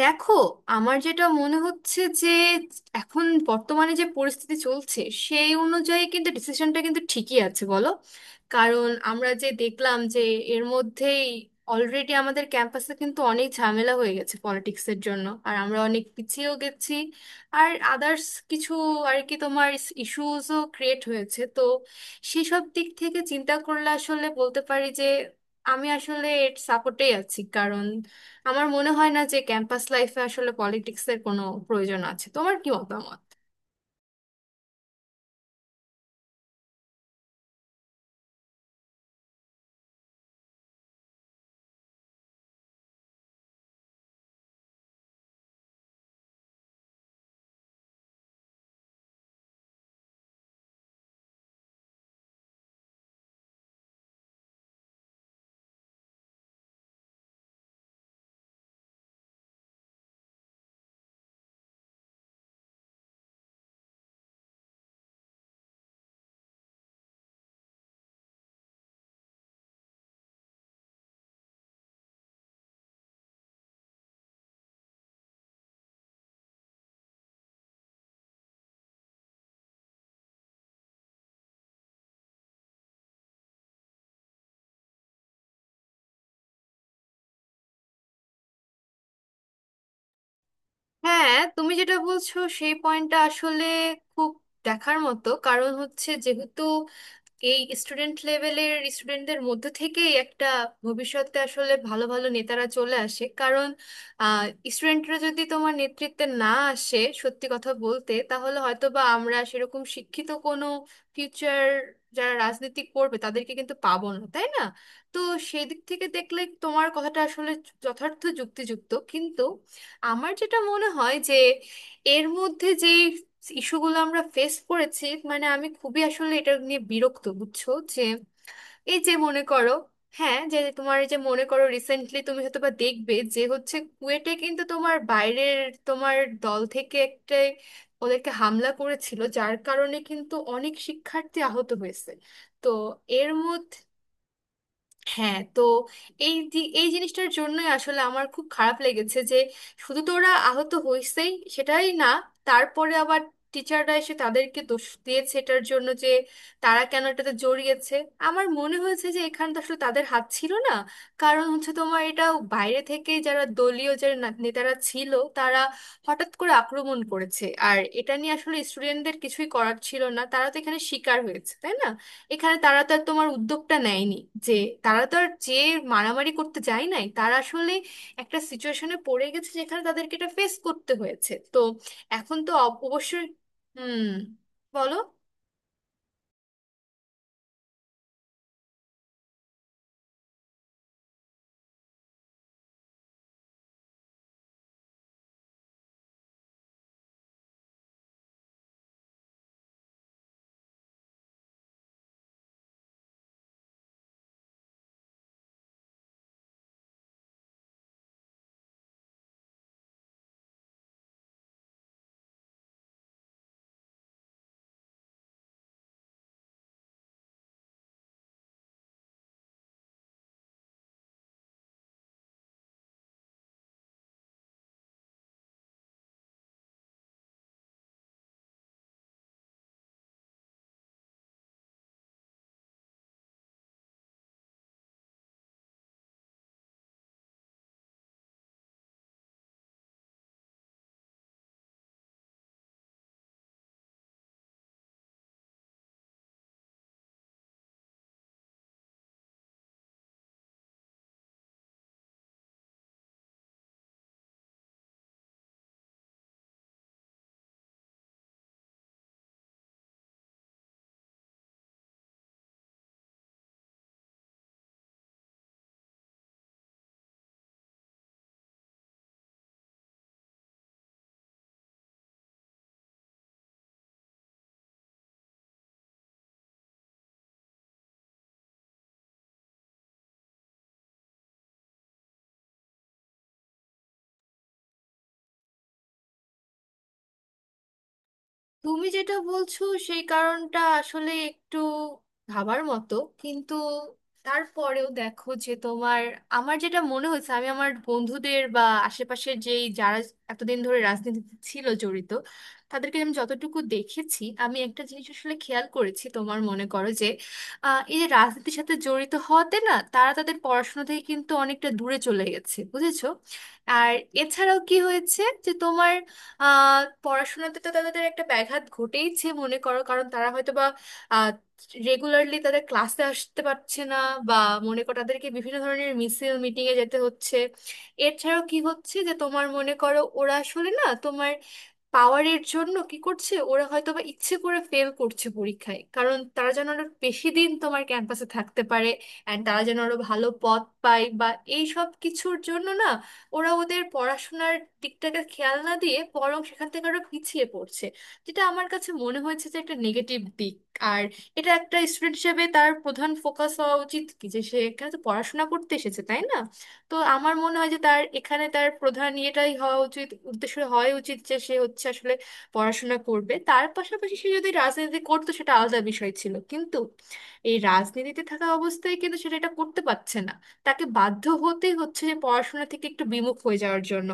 দেখো, আমার যেটা মনে হচ্ছে যে এখন বর্তমানে যে পরিস্থিতি চলছে সেই অনুযায়ী কিন্তু ডিসিশনটা কিন্তু ঠিকই আছে, বলো। কারণ আমরা যে দেখলাম যে এর মধ্যেই অলরেডি আমাদের ক্যাম্পাসে কিন্তু অনেক ঝামেলা হয়ে গেছে পলিটিক্সের জন্য, আর আমরা অনেক পিছিয়েও গেছি। আর আদার্স কিছু আর কি তোমার ইস্যুসও ক্রিয়েট হয়েছে। তো সেসব দিক থেকে চিন্তা করলে আসলে বলতে পারি যে আমি আসলে এর সাপোর্টেই আছি, কারণ আমার মনে হয় না যে ক্যাম্পাস লাইফে আসলে পলিটিক্স এর কোনো প্রয়োজন আছে। তোমার কি মতামত? হ্যাঁ, তুমি যেটা বলছো সেই পয়েন্টটা আসলে খুব দেখার মতো। কারণ হচ্ছে যেহেতু এই স্টুডেন্ট লেভেলের স্টুডেন্টদের মধ্য থেকেই একটা ভবিষ্যতে আসলে ভালো ভালো নেতারা চলে আসে, কারণ স্টুডেন্টরা যদি তোমার নেতৃত্বে না আসে, সত্যি কথা বলতে, তাহলে হয়তো বা আমরা সেরকম শিক্ষিত কোনো ফিউচার যারা রাজনীতি করবে তাদেরকে কিন্তু পাবো না, তাই না? তো সেই দিক থেকে দেখলে তোমার কথাটা আসলে যথার্থ যুক্তিযুক্ত, কিন্তু আমার যেটা মনে হয় যে এর মধ্যে যে ইস্যুগুলো আমরা ফেস করেছি, মানে আমি খুবই আসলে এটা নিয়ে বিরক্ত, বুঝছো? যে এই যে মনে করো, হ্যাঁ, যে তোমার এই যে মনে করো রিসেন্টলি তুমি হয়তো বা দেখবে যে হচ্ছে কুয়েটে কিন্তু তোমার বাইরের তোমার দল থেকে একটা ওদেরকে হামলা করেছিল, যার কারণে কিন্তু অনেক শিক্ষার্থী আহত হয়েছে। তো এর মধ্যে হ্যাঁ, তো এই জিনিসটার জন্যই আসলে আমার খুব খারাপ লেগেছে যে শুধু তো ওরা আহত হয়েছেই সেটাই না, তারপরে আবার টিচাররা এসে তাদেরকে দোষ দিয়েছে এটার জন্য যে তারা কেন এটাতে জড়িয়েছে। আমার মনে হয়েছে যে এখানে তো আসলে তাদের হাত ছিল না, কারণ হচ্ছে তোমার এটা বাইরে থেকে যারা দলীয় নেতারা ছিল তারা হঠাৎ করে আক্রমণ করেছে। আর এটা নিয়ে আসলে স্টুডেন্টদের কিছুই করার ছিল না, তারা তো এখানে শিকার হয়েছে, তাই না? এখানে তারা তো আর তোমার উদ্যোগটা নেয়নি যে তারা তো আর যে মারামারি করতে যায় নাই, তারা আসলে একটা সিচুয়েশনে পড়ে গেছে যেখানে তাদেরকে এটা ফেস করতে হয়েছে। তো এখন তো অবশ্যই। হুম, বলো। তুমি যেটা বলছো সেই কারণটা আসলে একটু ভাবার মতো, কিন্তু তারপরেও দেখো যে তোমার আমার যেটা মনে হয়েছে, আমি আমার বন্ধুদের বা আশেপাশের যেই যারা এতদিন ধরে রাজনীতিতে ছিল জড়িত, তাদেরকে আমি যতটুকু দেখেছি, আমি একটা জিনিস আসলে খেয়াল করেছি। তোমার মনে করো যে এই যে রাজনীতির সাথে জড়িত হওয়াতে না, তারা তাদের পড়াশোনা থেকে কিন্তু অনেকটা দূরে চলে গেছে, বুঝেছো? আর এছাড়াও কি হয়েছে যে তোমার আহ পড়াশোনাতে তো তাদের একটা ব্যাঘাত ঘটেইছে, মনে করো। কারণ তারা হয়তো বা রেগুলারলি তাদের ক্লাসে আসতে পারছে না, বা মনে করো তাদেরকে বিভিন্ন ধরনের মিছিল মিটিং এ যেতে হচ্ছে। এছাড়াও কি হচ্ছে যে তোমার মনে করো ওরা আসলে না তোমার পাওয়ারের জন্য কি করছে, ওরা হয়তো বা ইচ্ছে করে ফেল করছে পরীক্ষায়, কারণ তারা যেন আরো বেশি দিন তোমার ক্যাম্পাসে থাকতে পারে অ্যান্ড তারা যেন আরো ভালো পদ পায়। বা এই সব কিছুর জন্য না ওরা ওদের পড়াশোনার দিকটাকে খেয়াল না দিয়ে বরং সেখান থেকে আরো পিছিয়ে পড়ছে, যেটা আমার কাছে মনে হয়েছে যে একটা নেগেটিভ দিক। আর এটা একটা স্টুডেন্ট হিসেবে তার প্রধান ফোকাস হওয়া উচিত কি যে সে এখানে তো পড়াশোনা করতে এসেছে, তাই না? তো আমার মনে হয় যে তার এখানে তার প্রধান ইয়েটাই হওয়া উচিত, উদ্দেশ্য হওয়া উচিত যে সে হচ্ছে আসলে পড়াশোনা করবে। তার পাশাপাশি সে যদি রাজনীতি করতো সেটা আলাদা বিষয় ছিল, কিন্তু এই রাজনীতিতে থাকা অবস্থায় কিন্তু সেটা এটা করতে পারছে না, তাকে বাধ্য হতে হচ্ছে যে পড়াশোনা থেকে একটু বিমুখ হয়ে যাওয়ার জন্য।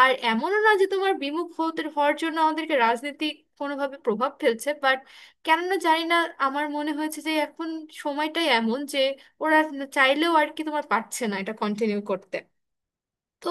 আর এমনও না যে তোমার বিমুখ হতে হওয়ার জন্য আমাদেরকে রাজনীতি কোনোভাবে প্রভাব ফেলছে, বাট কেননা জানি না, আমার মনে হয়েছে যে এখন সময়টাই এমন যে ওরা চাইলেও আর কি তোমার পারছে না এটা কন্টিনিউ করতে। তো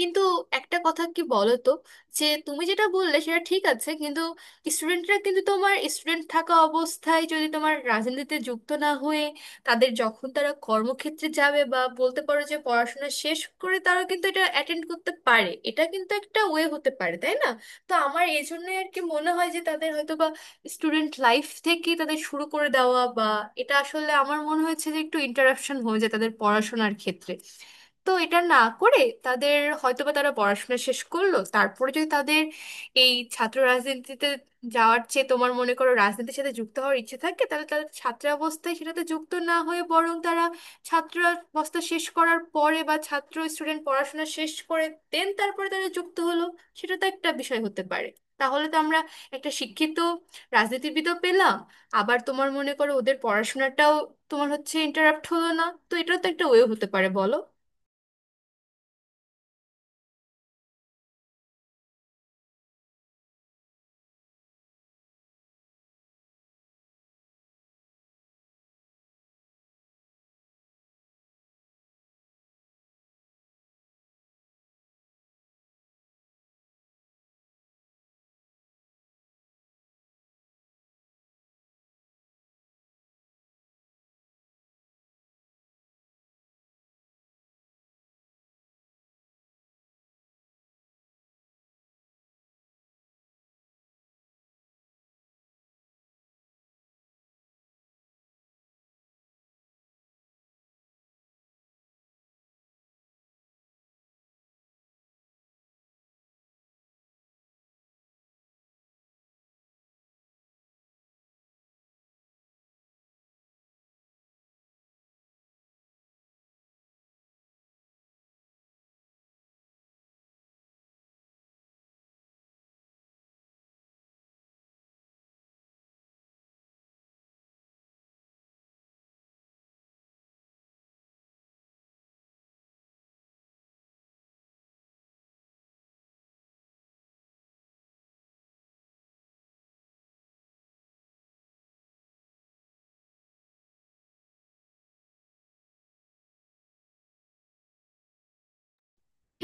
কিন্তু একটা কথা কি বলো তো, যে তুমি যেটা বললে সেটা ঠিক আছে, কিন্তু স্টুডেন্টরা কিন্তু তোমার স্টুডেন্ট থাকা অবস্থায় যদি তোমার রাজনীতিতে যুক্ত না হয়ে তাদের যখন তারা কর্মক্ষেত্রে যাবে বা বলতে পারো যে পড়াশোনা শেষ করে তারা কিন্তু এটা অ্যাটেন্ড করতে পারে, এটা কিন্তু একটা ওয়ে হতে পারে, তাই না? তো আমার এই জন্যই আর কি মনে হয় যে তাদের হয়তো বা স্টুডেন্ট লাইফ থেকে তাদের শুরু করে দেওয়া বা এটা আসলে আমার মনে হয়েছে যে একটু ইন্টারাপশন হয়ে যায় তাদের পড়াশোনার ক্ষেত্রে। তো এটা না করে তাদের হয়তোবা তারা পড়াশোনা শেষ করলো, তারপরে যদি তাদের এই ছাত্র রাজনীতিতে যাওয়ার চেয়ে তোমার মনে করো রাজনীতির সাথে যুক্ত হওয়ার ইচ্ছে থাকে, তাহলে তারা ছাত্রাবস্থায় সেটাতে যুক্ত না হয়ে বরং তারা ছাত্রাবস্থা শেষ করার পরে বা ছাত্র স্টুডেন্ট পড়াশোনা শেষ করে দেন তারপরে তারা যুক্ত হলো, সেটা তো একটা বিষয় হতে পারে। তাহলে তো আমরা একটা শিক্ষিত রাজনীতিবিদও পেলাম, আবার তোমার মনে করো ওদের পড়াশোনাটাও তোমার হচ্ছে ইন্টারাপ্ট হলো না। তো এটাও তো একটা ওয়ে হতে পারে, বলো।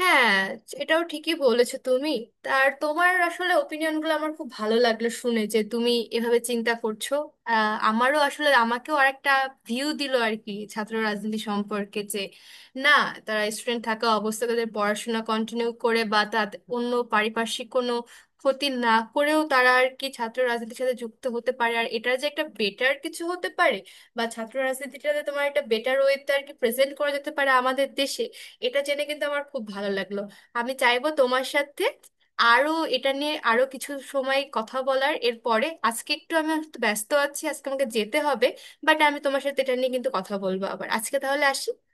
হ্যাঁ, এটাও ঠিকই বলেছো তুমি। আর তোমার আসলে ওপিনিয়নগুলো আমার খুব ভালো লাগলো শুনে যে তুমি এভাবে চিন্তা করছো। আমারও আসলে আমাকেও আরেকটা ভিউ দিল আর কি ছাত্র রাজনীতি সম্পর্কে, যে না তারা স্টুডেন্ট থাকা অবস্থায় তাদের পড়াশোনা কন্টিনিউ করে বা তাদের অন্য পারিপার্শ্বিক কোনো ক্ষতি না করেও তারা আর কি ছাত্র রাজনীতির সাথে যুক্ত হতে পারে, আর এটার যে একটা বেটার কিছু হতে পারে বা ছাত্র রাজনীতিটাতে তোমার একটা বেটার ওয়েতে আর কি প্রেজেন্ট করা যেতে পারে আমাদের দেশে। এটা জেনে কিন্তু আমার খুব ভালো লাগলো। আমি চাইবো তোমার সাথে আরো এটা নিয়ে আরো কিছু সময় কথা বলার, এরপরে আজকে একটু আমি একটু ব্যস্ত আছি, আজকে আমাকে যেতে হবে। বাট আমি তোমার সাথে এটা নিয়ে কিন্তু কথা বলবো আবার। আজকে তাহলে আসি।